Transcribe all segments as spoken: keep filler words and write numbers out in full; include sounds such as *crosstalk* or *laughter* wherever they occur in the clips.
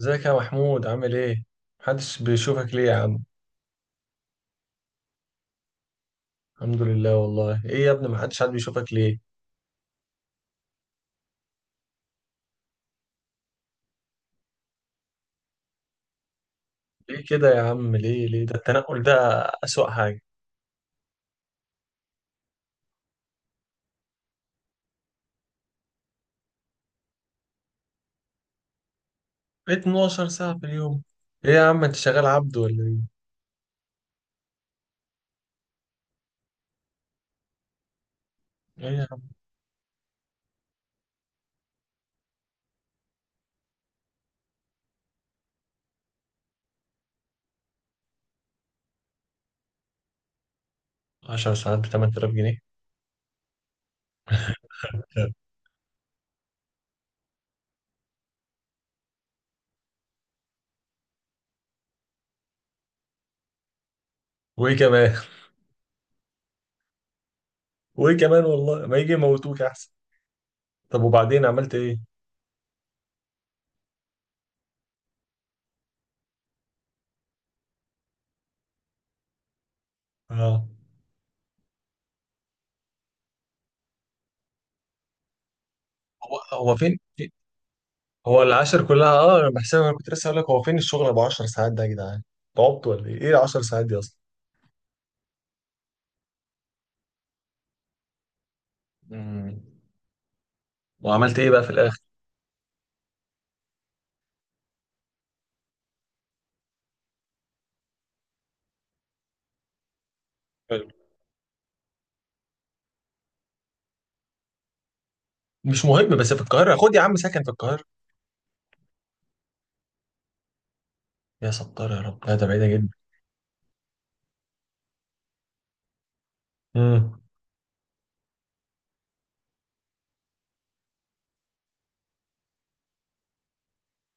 ازيك يا محمود عامل ايه؟ محدش بيشوفك ليه يا عم؟ الحمد لله والله، ايه يا ابني محدش حد بيشوفك ليه؟ ليه كده يا عم؟ ليه ليه ده التنقل ده أسوأ حاجة. اتناشر ساعة في اليوم، ايه يا عم انت شغال عبد ولا ايه؟ ايه يا عم عشر ساعات ب تمنتلاف جنيه؟ *laughs* وايه كمان؟ وايه كمان والله؟ ما يجي يموتوك احسن. طب وبعدين عملت ايه؟ اه هو هو فين؟ في- هو العشر كلها، اه انا بحسبها، انا كنت لسه هقول لك هو فين الشغل ابو عشر ساعات ده يا جدعان؟ تعبت ولا ايه؟ ايه عشر ساعات دي اصلا؟ مم. وعملت ايه بقى في الاخر. حلو. مش مهم، بس في القاهره، خد يا عم سكن في القاهره. يا ستار يا رب، لا ده بعيده جدا. امم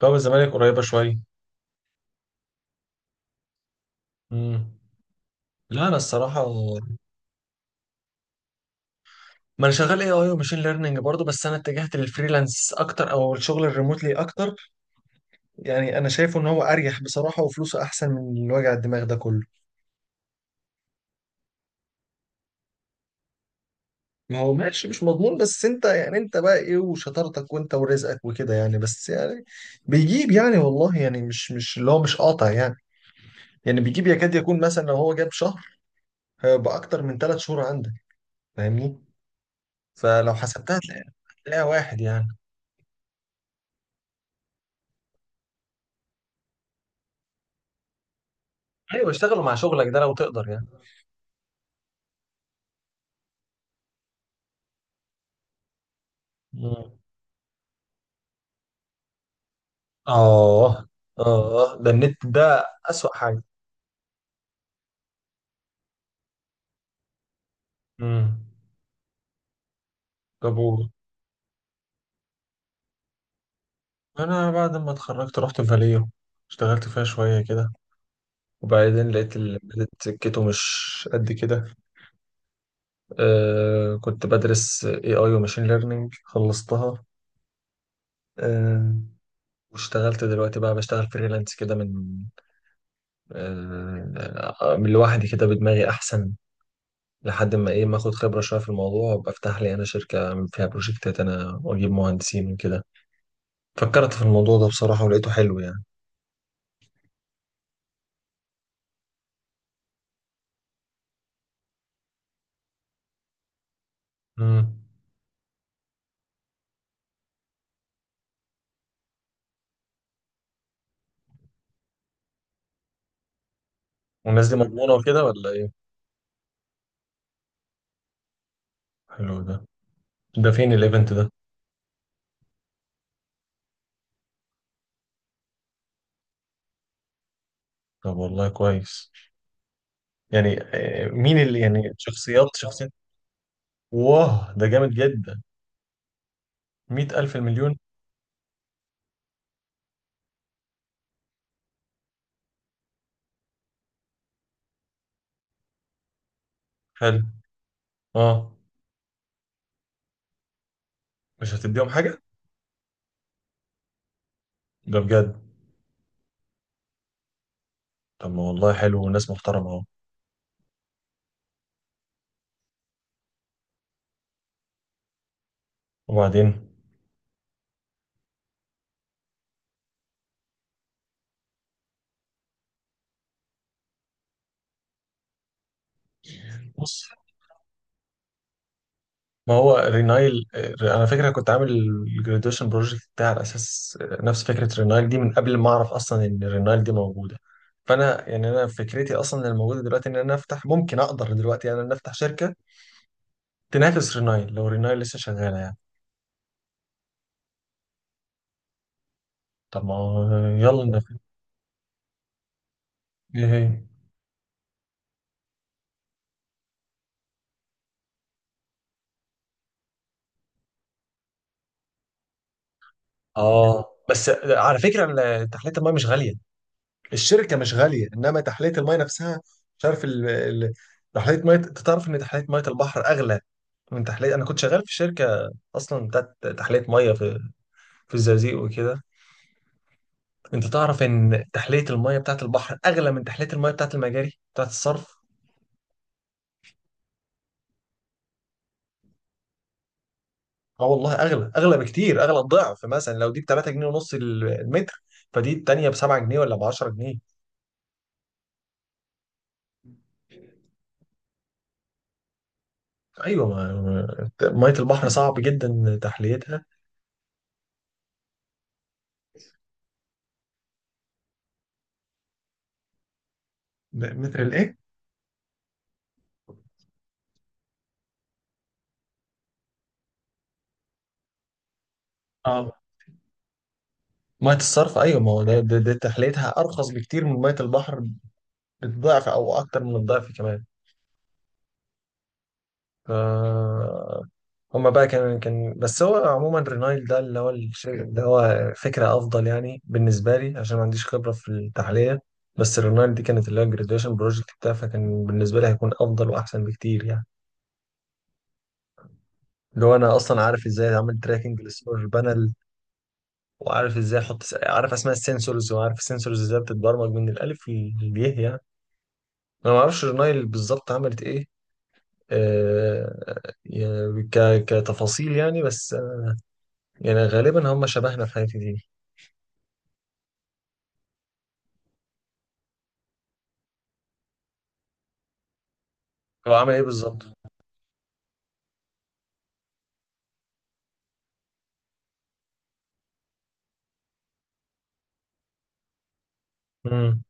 باب الزمالك قريبه شويه. امم لا انا الصراحه، ما انا شغال اي اي وماشين ليرنينج برضه، بس انا اتجهت للفريلانس اكتر او الشغل الريموتلي اكتر. يعني انا شايفه ان هو اريح بصراحه، وفلوسه احسن من الوجع الدماغ ده كله. ما هو ماشي، مش مضمون، بس انت يعني انت بقى ايه وشطارتك، وانت ورزقك وكده، يعني بس يعني بيجيب، يعني والله يعني مش مش اللي هو مش قاطع يعني. يعني بيجيب، يكاد يكون مثلا لو هو جاب شهر، هيبقى اكتر من ثلاث شهور عندك، فاهمني؟ فلو حسبتها هتلاقي- هتلاقيها واحد يعني. ايوه، اشتغلوا مع شغلك ده لو تقدر يعني. مم. اه، اه ده النت ده اسوأ حاجه. امم طب و- انا بعد ما اتخرجت رحت فاليو، اشتغلت فيها شويه كده، وبعدين لقيت ال- لقيت سكته مش قد كده. آه كنت بدرس اي اي وماشين ليرنينج خلصتها. آه، واشتغلت دلوقتي، بقى بشتغل فريلانس كده من آه، من لوحدي كده بدماغي احسن، لحد ما ايه ما اخد خبره شويه في الموضوع وابقى افتح لي انا شركه أعمل فيها بروجكتات انا، واجيب مهندسين وكده. فكرت في الموضوع ده بصراحه ولقيته حلو يعني. امم، والناس دي مضمونه وكده ولا ايه؟ حلو ده، ده فين الايفنت ده؟ طب والله كويس. يعني آه، مين اللي يعني شخصيات شخصيات؟ واه ده جامد جدا، مئة ألف المليون! حلو. اه، مش هتديهم حاجة. ده بجد؟ طب ما والله حلو وناس محترمة اهو. وبعدين؟ بص، ما هو رينايل، انا فاكر أنا كنت عامل الجراديويشن بروجكت بتاعي على اساس آه، نفس فكره رينايل دي من قبل ما اعرف اصلا ان رينايل دي موجوده. فانا يعني انا فكرتي اصلا الموجوده دلوقتي ان انا افتح، ممكن اقدر دلوقتي يعني ان انا افتح شركه تنافس رينايل، لو رينايل لسه شغاله يعني. طب ما هو يلا ننافس. ايه هي؟ اه، بس على فكره ال- تحليه الماء مش غاليه، الشركه مش غاليه، انما تحليه الماء نفسها. مش عارف ال- ال- تحليه ميه، انت تعرف ان تحليه ميه البحر اغلى من تحلية. أنا كنت شغال في شركة أصلا بتاعت تحلية مية في في الزقازيق وكده. أنت تعرف إن تحلية المية بتاعت البحر أغلى من تحلية المية بتاعت المجاري بتاعت الصرف. أه والله أغلى، أغلى بكتير، أغلى الضعف. مثلا لو دي ب تلاتة جنيه ونص المتر، فدي التانية ب سبعة جنيه ولا ب عشرة جنيه. أيوة، ما ما- مية البحر صعب جدا تحليتها. ب- متر الإيه؟ أه، مية الصرف أيوة، ما هو ده, ده, ده تحليتها أرخص بكتير من مية البحر، بالضعف أو أكتر من الضعف كمان. ف هما بقى كان كان بس هو عموما رينايل ده اللي هو الش- اللي هو فكرة أفضل يعني بالنسبة لي عشان ما عنديش خبرة في التحلية. بس رينايل دي كانت اللي هو الجراديويشن بروجكت بتاعي، فكان بالنسبة لي هيكون أفضل وأحسن بكتير يعني. اللي هو أنا أصلا عارف إزاي أعمل تراكنج للسولار بانل، وعارف إزاي أحط س- عارف أسماء السنسورز، وعارف السنسورز إزاي بتتبرمج من الألف للياء يعني. أنا ما أعرفش رينايل بالظبط عملت إيه، آه، يعني ك- كتفاصيل يعني، بس يعني غالبا هم شبهنا في الحاجات دي. هو عمل ايه بالظبط؟ امم،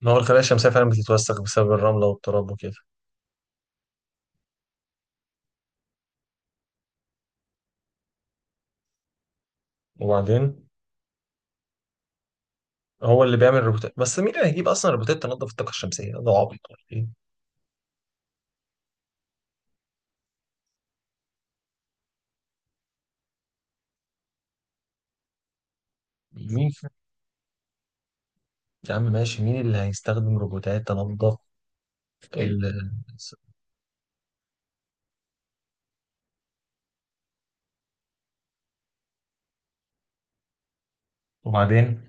ما هو الخلايا الشمسية فعلا بتتوسخ بسبب الرملة والتراب وكده. وبعدين؟ هو اللي بيعمل روبوتات؟ بس مين اللي هيجيب اصلا روبوتات تنظف الطاقة الشمسية؟ ده عبيط ولا ايه؟ مين؟ يا عم ماشي، مين اللي هيستخدم روبوتات تنظف ال... وبعدين؟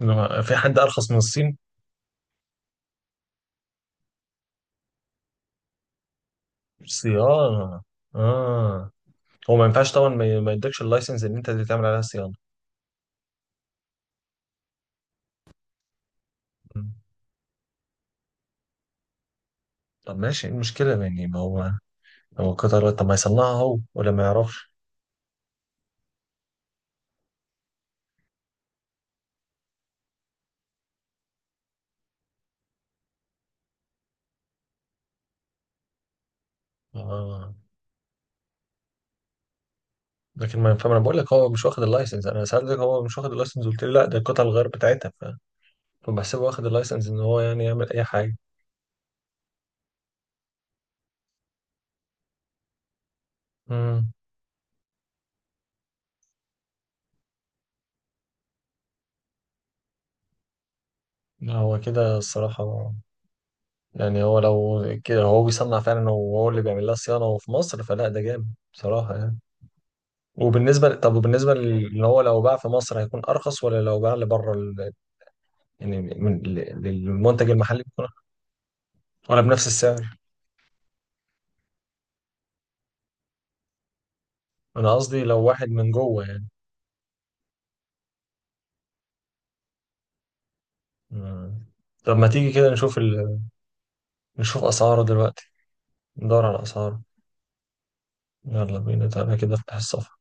لما- في حد ارخص من الصين؟ صيانه، اه. هو ما ينفعش طبعا، ما ما يدكش اللايسنس ان انت اللي تعمل عليها صيانه. مم. طب ماشي، ايه المشكله يعني، ما هو هو قطر، طب ما يصنعها هو ولا ما يعرفش؟ آه. لكن ما فاهم، انا بقول لك هو مش واخد اللايسنس، انا سألتك هو مش واخد اللايسنس قلت لي لا ده القطع الغيار بتاعتها، ف- فبحسبه واخد اللايسنس ان هو يعني يعمل اي حاجه. امم. لا، هو كده الصراحه، يعني هو لو كده، هو بيصنع فعلا وهو اللي بيعمل لها صيانه وفي مصر، فلا ده جامد بصراحه يعني. وبالنسبه ل- طب وبالنسبه ل- ان هو لو باع في مصر هيكون ارخص، ولا لو باع لبره ال... يعني من... للمنتج المحلي بيكون أرخص؟ ولا بنفس السعر؟ انا قصدي لو واحد من جوه. مم. طب ما تيجي كده نشوف ال... نشوف أسعاره دلوقتي، ندور على أسعاره. يلا بينا، تعالى كده افتح الصفحة.